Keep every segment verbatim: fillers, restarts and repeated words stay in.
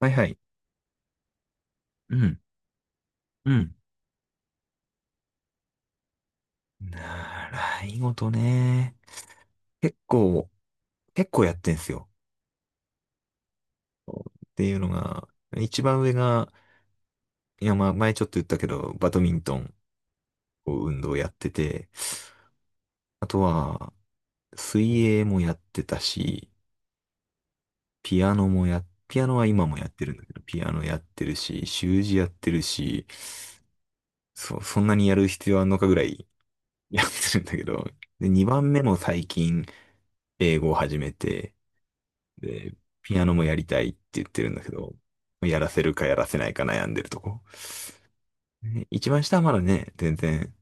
はいはい。うん。うん。習い事ね。結構、結構やってんすよ。っていうのが、一番上が、いや、まあ、前ちょっと言ったけど、バドミントンを運動やってて、あとは、水泳もやってたし、ピアノもや、ピアノは今もやってるんだけど、ピアノやってるし、習字やってるし、そ、そんなにやる必要あんのかぐらいやってるんだけど、で、にばんめも最近、英語を始めて、で、ピアノもやりたいって言ってるんだけど、やらせるかやらせないか悩んでるとこ。ね一番下はまだね、全然、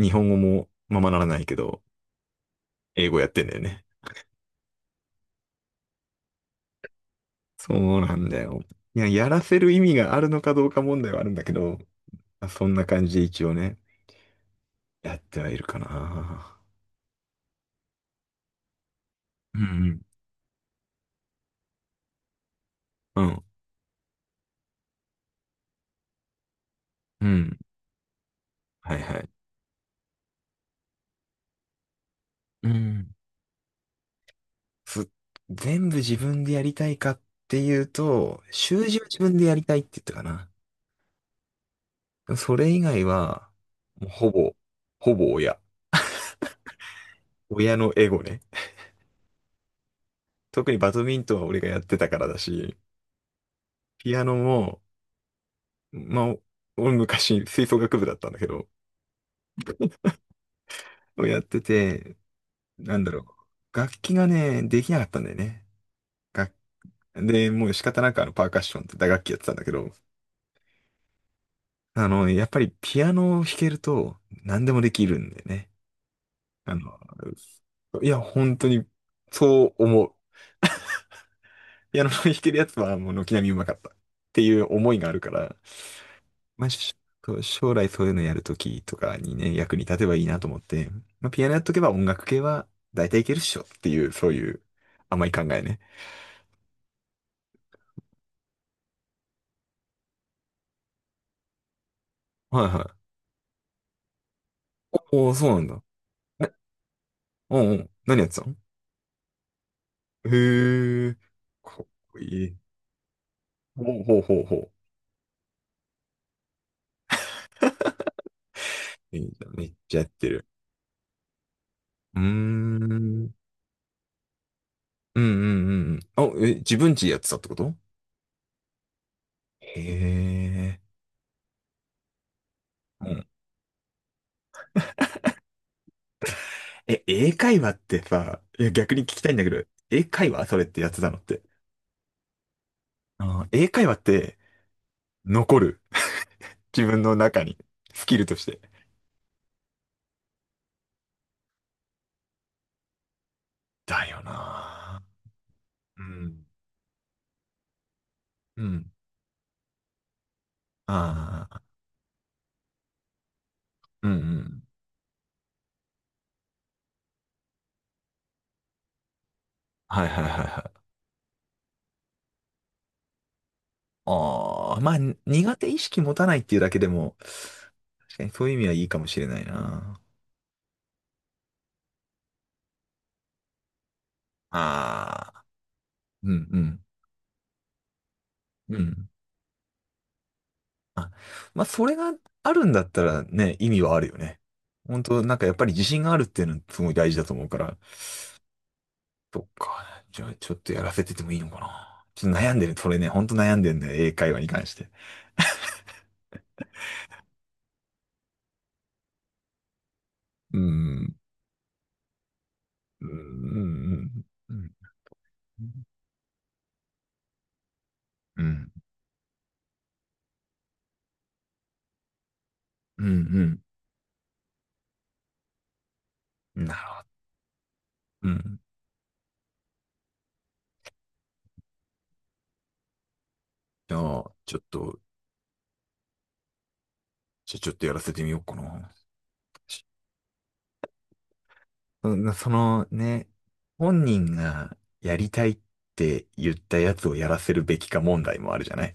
日本語もままならないけど、英語やってんだよね。そうなんだよ。いや、やらせる意味があるのかどうか問題はあるんだけど、そんな感じで一応ね、やってはいるかな。うんうん。うん。うん。はいはい。うん。す全部自分でやりたいかっていうと、習字は自分でやりたいって言ったかな。それ以外は、もうほぼ、ほぼ親。親のエゴね。特にバドミントンは俺がやってたからだし、ピアノも、まあ、俺昔吹奏楽部だったんだけど、やってて、なんだろう。楽器がね、できなかったんだよね。楽で、もう仕方なくあのパーカッションって打楽器やってたんだけど、あの、やっぱりピアノを弾けると何でもできるんだよね。あの、いや、本当にそう思う。ピアノの弾けるやつはもう軒並みうまかったっていう思いがあるから、まあ、しと将来そういうのやるときとかにね、役に立てばいいなと思って、まあ、ピアノやっとけば音楽系は大体いけるっしょっていう、そういう甘い考えね。はいはい。おお、そうなんだ。え、うんうん。何やってたの？へえ、かっこいい。ほうほうほうほう。いいじゃん。めっちゃやってる。うーん。うんうんうんうん。あ、え、自分ちやってたってこと？へえ。うんえ、英会話ってさ、いや逆に聞きたいんだけど、英会話それってやってたのって。あの英会話って残る。自分の中に。スキルとして。だよなぁ。うん。うん。ああ、うんうん。はいはいはいはい。ああ、まあ、苦手意識持たないっていうだけでも、確かにそういう意味はいいかもしれないな。ああ、うんうん。うん。あまあ、それがあるんだったらね、意味はあるよね。本当なんかやっぱり自信があるっていうのすごい大事だと思うから。そっか。じゃあちょっとやらせててもいいのかな。ちょっと悩んでる。それね、本当悩んでるんだよ。英会話に関して。うん。うん。うん。うん。うん。うんうんなるほど。うん。じゃあ、ちょっと、じゃあちょっとやらせてみようかな。うんそのね、本人がやりたいって言ったやつをやらせるべきか問題もあるじゃない。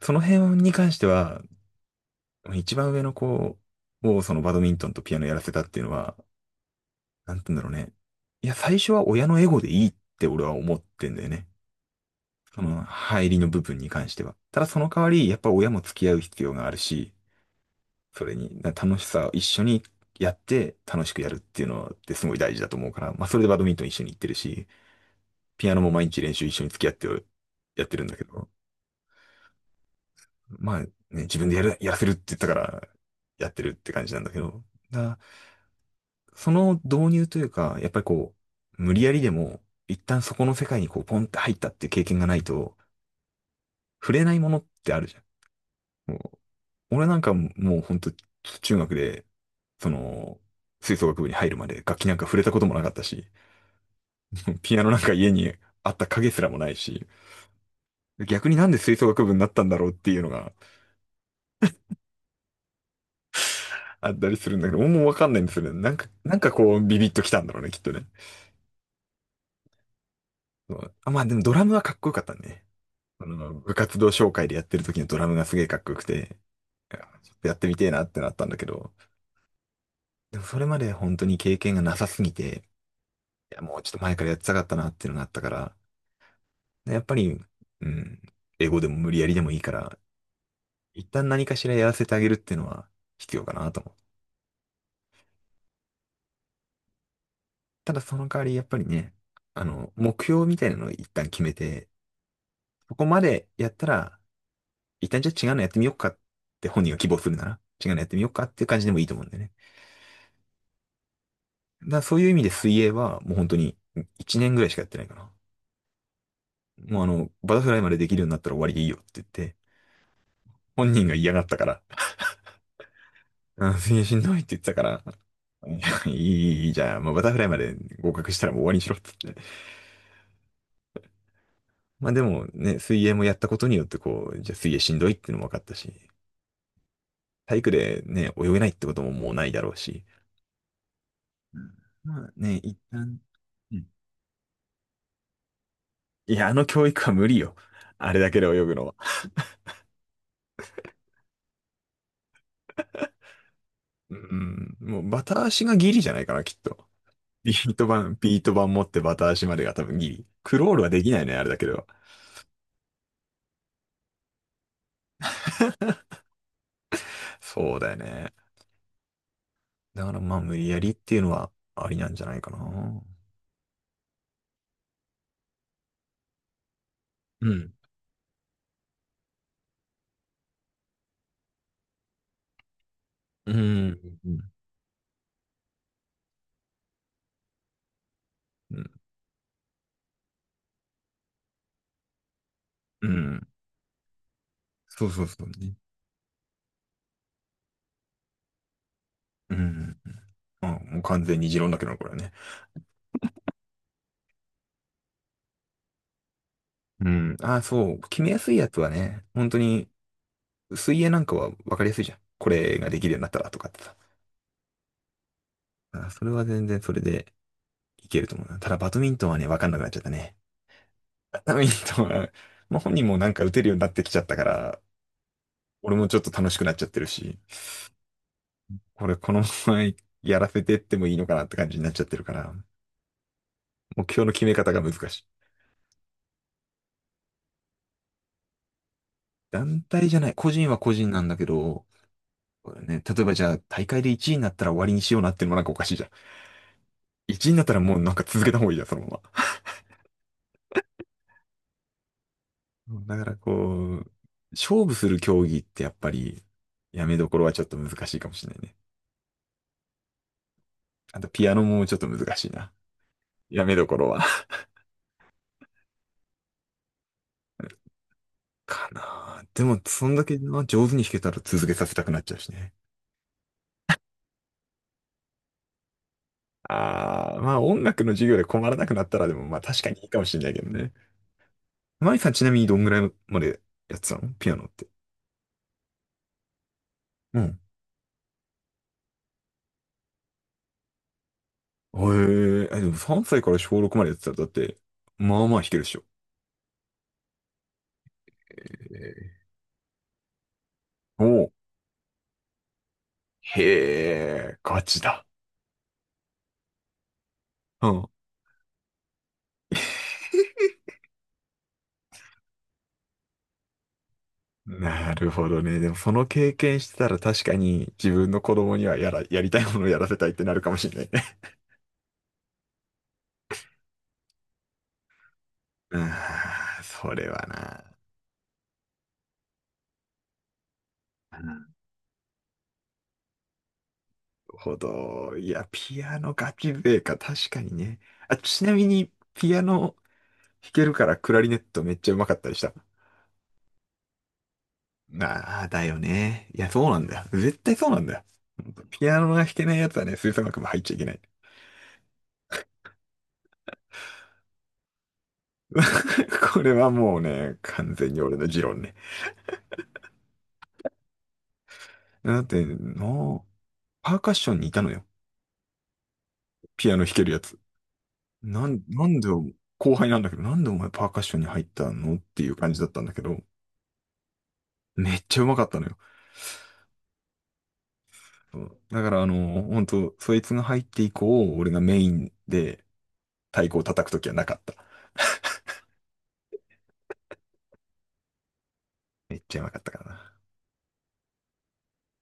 その辺に関しては、一番上の子をそのバドミントンとピアノやらせたっていうのは、なんて言うんだろうね。いや、最初は親のエゴでいいって俺は思ってんだよね。その入りの部分に関しては。ただその代わり、やっぱ親も付き合う必要があるし、それにだ楽しさを一緒にやって楽しくやるっていうのってすごい大事だと思うから、まあそれでバドミントン一緒に行ってるし、ピアノも毎日練習一緒に付き合ってる、やってるんだけど、まあね、自分でやる、やらせるって言ったからやってるって感じなんだけど、だからその導入というか、やっぱりこう、無理やりでも、一旦そこの世界にこう、ポンって入ったっていう経験がないと、触れないものってあるじゃん。もう、俺なんかもうほんと、中学で、その、吹奏楽部に入るまで楽器なんか触れたこともなかったし、ピアノなんか家にあった影すらもないし、逆になんで吹奏楽部になったんだろうっていうのがあったりするんだけど、もうわかんないんですよね。なんか、なんかこう、ビビッときたんだろうね、きっとね。そうあ、まあでもドラムはかっこよかったね。あの、部活動紹介でやってる時のドラムがすげえかっこよくて、いやちょっとやってみてえなってなったんだけど、でもそれまで本当に経験がなさすぎて、いや、もうちょっと前からやってたかったなっていうのがあったから、でやっぱり、うん、英語でも無理やりでもいいから、一旦何かしらやらせてあげるっていうのは必要かなと思う。ただその代わりやっぱりね、あの、目標みたいなのを一旦決めて、ここまでやったら、一旦じゃあ違うのやってみようかって本人が希望するなら、違うのやってみようかっていう感じでもいいと思うんだよね。だそういう意味で水泳はもう本当にいちねんぐらいしかやってないかな。もうあの、バタフライまでできるようになったら終わりでいいよって言って、本人が嫌がったから、うん、水泳しんどいって言ってたから、いやいい、いいじゃあ、もうバタフライまで合格したらもう終わりにしろって言って。まあでもね、水泳もやったことによってこう、じゃあ水泳しんどいっていうのも分かったし、体育でね、泳げないってことももうないだろうし。うんまあね、一旦、うんいや、あの教育は無理よ。あれだけで泳ぐのは。うん、もうバタ足がギリじゃないかな、きっと。ビート板、ビート板持ってバタ足までが多分ギリ。クロールはできないね、あれだけど。そうだよね。だからまあ無理やりっていうのはありなんじゃないかな。うん。うん。うん。うん。そうそうそうね。うん。あ、もう完全に持論だけどな、これはね。うん。あ、そう。決めやすいやつはね、本当に水泳なんかは分かりやすいじゃん。これができるようになったらとかってさ。あ、それは全然それでいけると思うな。ただバドミントンはね、分かんなくなっちゃったね。ダミントンは、まあ、本人もなんか打てるようになってきちゃったから、俺もちょっと楽しくなっちゃってるし、これこのままやらせてってもいいのかなって感じになっちゃってるから、目標の決め方が難しい。団体じゃない、個人は個人なんだけど、これね、例えばじゃあ大会でいちいになったら終わりにしような？ってのもなんかおかしいじゃん。いちいになったらもうなんか続けた方がいいじゃん、そのまま。だからこう、勝負する競技ってやっぱり、やめどころはちょっと難しいかもしれないね。あとピアノもちょっと難しいな。やめどころは。かなでも、そんだけな上手に弾けたら続けさせたくなっちゃうしね。ああ、まあ音楽の授業で困らなくなったらでも、まあ確かにいいかもしれないけどね。マイさんちなみにどんぐらいまでやってたのピアノって。うん。へえ、えでもさんさいから小ろくまでやってたらだって、まあまあ弾けるっしょ。えーおう。へえ、ガチだ。うん。なるほどね。でもその経験してたら確かに自分の子供にはやら、やりたいものをやらせたいってなるかもしれないね。うん、それはな。ほど。いや、ピアノ楽器笛か、確かにね。あ、ちなみに、ピアノ弾けるからクラリネットめっちゃうまかったりした？ああ、だよね。いや、そうなんだよ。絶対そうなんだよ。ほんとピアノが弾けないやつはね、吹奏楽も入っちゃいけない。これはもうね、完全に俺の持論ね。だって、なパーカッションにいたのよ。ピアノ弾けるやつ。なん、なんで、後輩なんだけど、なんでお前パーカッションに入ったのっていう感じだったんだけど、めっちゃうまかったのよ。そうだからあの、本当そいつが入って以降、俺がメインで太鼓を叩くときはなかった。めっちゃうまかったからな。